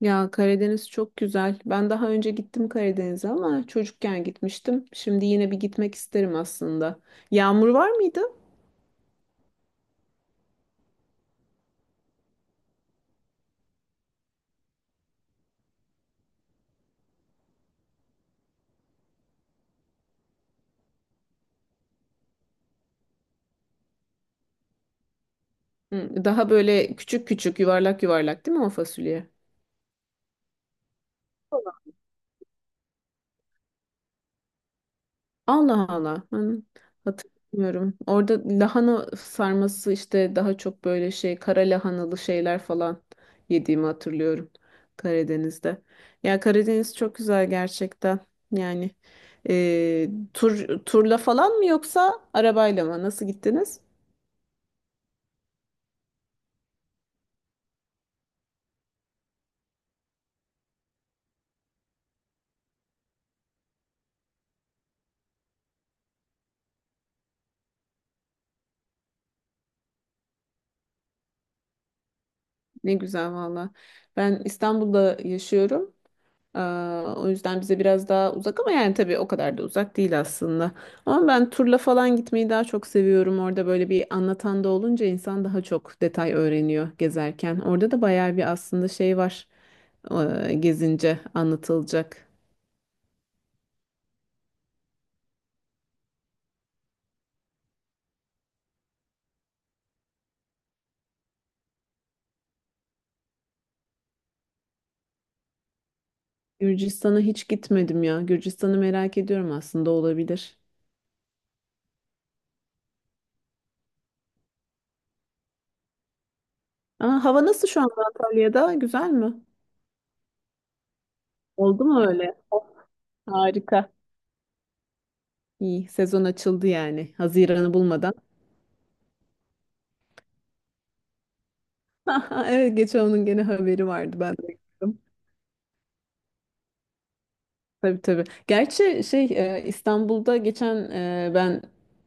Ya Karadeniz çok güzel. Ben daha önce gittim Karadeniz'e ama çocukken gitmiştim. Şimdi yine bir gitmek isterim aslında. Yağmur var mıydı? Hı, daha böyle küçük küçük yuvarlak yuvarlak değil mi o fasulye? Allah Allah. Ben hatırlamıyorum. Orada lahana sarması işte daha çok böyle şey kara lahanalı şeyler falan yediğimi hatırlıyorum Karadeniz'de. Ya Karadeniz çok güzel gerçekten. Yani e, turla falan mı yoksa arabayla mı? Nasıl gittiniz? Ne güzel valla. Ben İstanbul'da yaşıyorum. Aa, o yüzden bize biraz daha uzak ama yani tabii o kadar da uzak değil aslında. Ama ben turla falan gitmeyi daha çok seviyorum. Orada böyle bir anlatan da olunca insan daha çok detay öğreniyor gezerken. Orada da bayağı bir aslında şey var gezince anlatılacak. Gürcistan'a hiç gitmedim ya. Gürcistan'ı merak ediyorum aslında olabilir. Aa, hava nasıl şu anda Antalya'da? Güzel mi? Oldu mu öyle? Of, harika. İyi, sezon açıldı yani. Haziran'ı bulmadan. Evet geçen onun gene haberi vardı ben de gördüm. Tabii tabii. Gerçi şey İstanbul'da geçen ben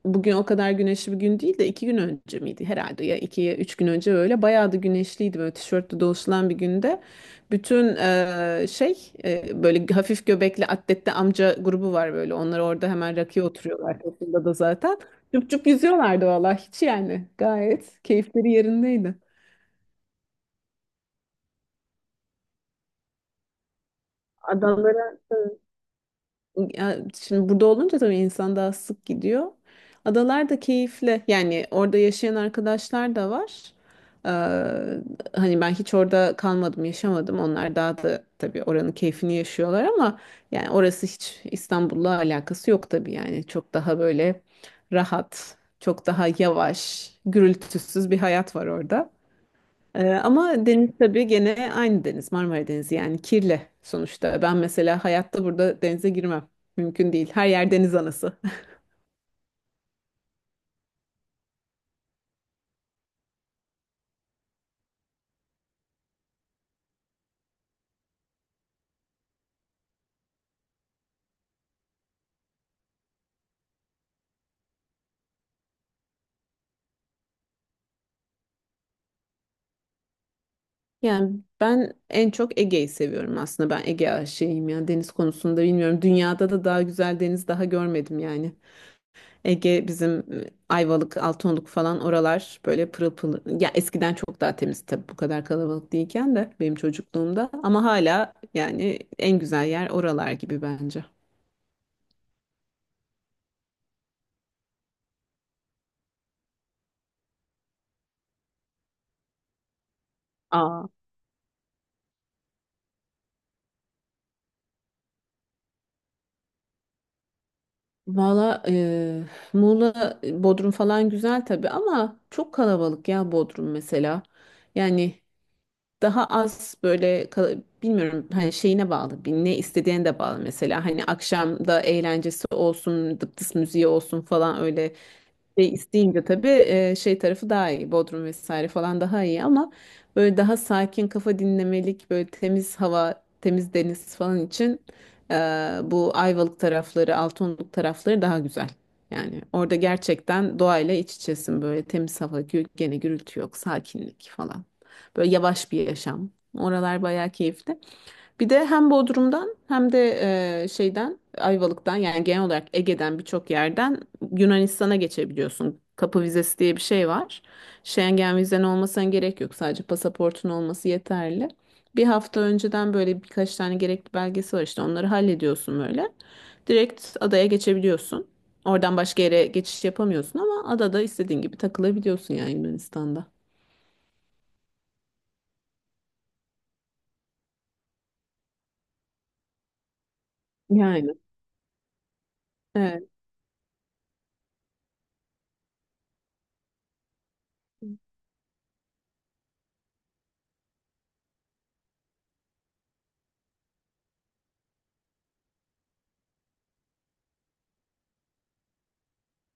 bugün o kadar güneşli bir gün değil de iki gün önce miydi herhalde ya iki ya üç gün önce öyle bayağı da güneşliydi böyle tişörtle dolaşılan bir günde. Bütün şey böyle hafif göbekli atletli amca grubu var böyle onlar orada hemen rakıya oturuyorlar toplumda da zaten. Cüp cüp yüzüyorlardı vallahi hiç yani gayet keyifleri yerindeydi. Adamlara ya şimdi burada olunca tabii insan daha sık gidiyor. Adalar da keyifli. Yani orada yaşayan arkadaşlar da var. Ee, Hani ben hiç orada kalmadım, yaşamadım. Onlar daha da tabii oranın keyfini yaşıyorlar ama yani orası hiç İstanbul'la alakası yok tabii yani. Çok daha böyle rahat, çok daha yavaş, gürültüsüz bir hayat var orada. Ama deniz tabii gene aynı deniz Marmara Denizi yani kirli sonuçta. Ben mesela hayatta burada denize girmem. Mümkün değil. Her yer deniz anası. Yani ben en çok Ege'yi seviyorum aslında. Ben Ege aşığıyım ya deniz konusunda bilmiyorum. Dünyada da daha güzel deniz daha görmedim yani. Ege bizim Ayvalık, Altınoluk falan oralar böyle pırıl pırıl. Ya eskiden çok daha temiz tabii bu kadar kalabalık değilken de benim çocukluğumda. Ama hala yani en güzel yer oralar gibi bence. Aa. Valla Muğla, Bodrum falan güzel tabii ama çok kalabalık ya Bodrum mesela. Yani daha az böyle bilmiyorum hani şeyine bağlı bir ne istediğine de bağlı mesela hani akşamda eğlencesi olsun dıptıs müziği olsun falan öyle şey isteyince tabii şey tarafı daha iyi Bodrum vesaire falan daha iyi ama böyle daha sakin kafa dinlemelik böyle temiz hava temiz deniz falan için e, bu Ayvalık tarafları Altınoluk tarafları daha güzel. Yani orada gerçekten doğayla iç içesin böyle temiz hava gene gürültü yok sakinlik falan. Böyle yavaş bir yaşam. Oralar bayağı keyifli. Bir de hem Bodrum'dan hem de şeyden Ayvalık'tan yani genel olarak Ege'den birçok yerden Yunanistan'a geçebiliyorsun. Kapı vizesi diye bir şey var. Schengen vizen olmasına gerek yok. Sadece pasaportun olması yeterli. Bir hafta önceden böyle birkaç tane gerekli belgesi var işte onları hallediyorsun böyle. Direkt adaya geçebiliyorsun. Oradan başka yere geçiş yapamıyorsun ama adada istediğin gibi takılabiliyorsun yani Yunanistan'da. Yani. Evet.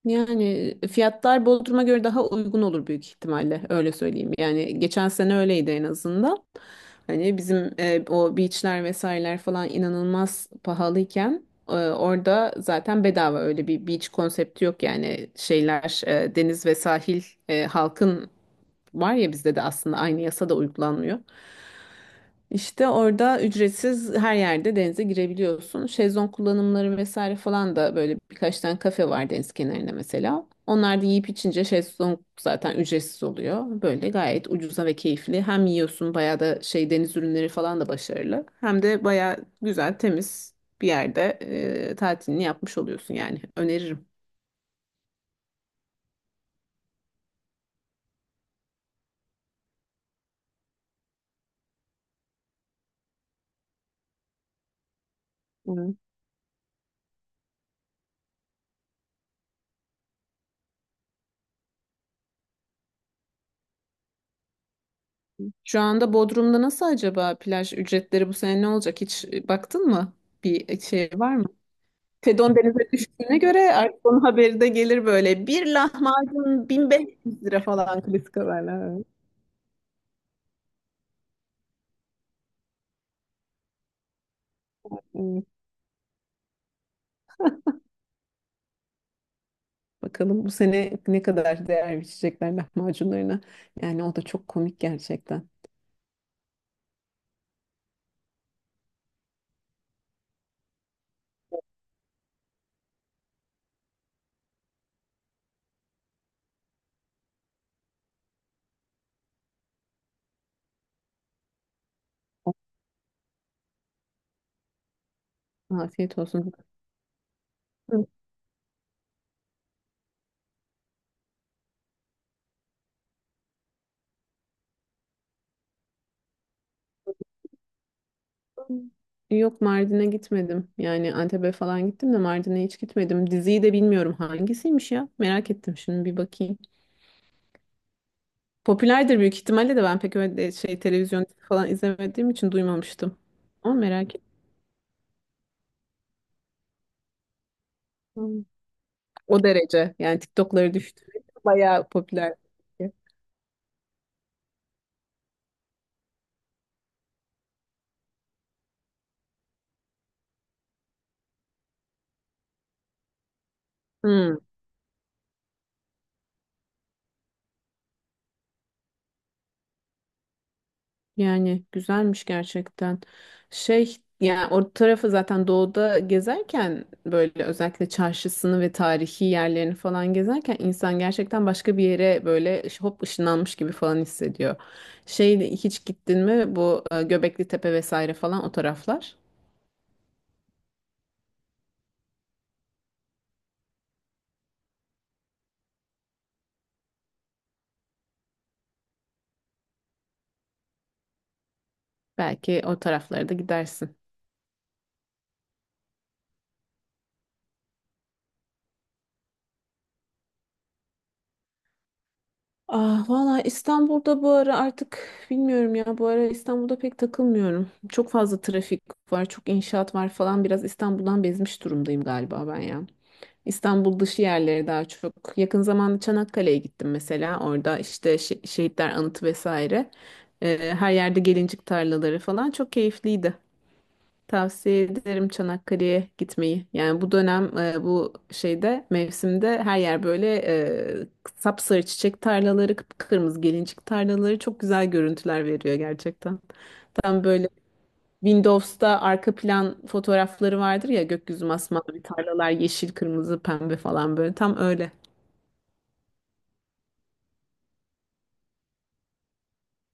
Yani fiyatlar Bodrum'a göre daha uygun olur büyük ihtimalle öyle söyleyeyim. Yani geçen sene öyleydi en azından. Hani bizim o beachler vesaireler falan inanılmaz pahalıyken orada zaten bedava öyle bir beach konsepti yok yani şeyler deniz ve sahil halkın var ya bizde de aslında aynı yasa da uygulanmıyor. İşte orada ücretsiz her yerde denize girebiliyorsun. Şezlong kullanımları vesaire falan da böyle birkaç tane kafe var deniz kenarında mesela. Onlar da yiyip içince şezlong zaten ücretsiz oluyor. Böyle gayet ucuza ve keyifli. Hem yiyorsun bayağı da şey deniz ürünleri falan da başarılı. Hem de bayağı güzel, temiz bir yerde tatilini yapmış oluyorsun yani. Öneririm. Hı. Şu anda Bodrum'da nasıl acaba plaj ücretleri bu sene ne olacak? Hiç baktın mı? Bir şey var mı? Fedon denize düştüğüne göre artık onun haberi de gelir böyle. Bir lahmacun 1500 lira falan klasik haberler. Evet. Bakalım bu sene ne kadar değer biçecekler lahmacunlarına. Yani o da çok komik gerçekten. Afiyet olsun. Yok Mardin'e gitmedim. Yani Antep'e falan gittim de Mardin'e hiç gitmedim. Diziyi de bilmiyorum hangisiymiş ya. Merak ettim şimdi bir bakayım. Popülerdir büyük ihtimalle de ben pek öyle şey televizyon falan izlemediğim için duymamıştım. Ama merak ettim. O derece. Yani TikTok'ları düştü. Bayağı popüler. Hmm. Yani güzelmiş gerçekten. Şey yani o tarafı zaten doğuda gezerken böyle özellikle çarşısını ve tarihi yerlerini falan gezerken insan gerçekten başka bir yere böyle hop ışınlanmış gibi falan hissediyor. Şey hiç gittin mi bu Göbekli Tepe vesaire falan o taraflar? Belki o taraflara da gidersin. Ah valla İstanbul'da bu ara artık bilmiyorum ya bu ara İstanbul'da pek takılmıyorum. Çok fazla trafik var, çok inşaat var falan biraz İstanbul'dan bezmiş durumdayım galiba ben ya. İstanbul dışı yerlere daha çok. Yakın zamanda Çanakkale'ye gittim mesela. Orada işte şehitler anıtı vesaire. Her yerde gelincik tarlaları falan çok keyifliydi. Tavsiye ederim Çanakkale'ye gitmeyi. Yani bu dönem bu şeyde mevsimde her yer böyle e, sapsarı çiçek tarlaları, kıpkırmızı gelincik tarlaları çok güzel görüntüler veriyor gerçekten. Tam böyle Windows'ta arka plan fotoğrafları vardır ya gökyüzü masmavi tarlalar yeşil, kırmızı, pembe falan böyle tam öyle.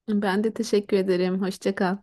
Ben de teşekkür ederim. Hoşça kal.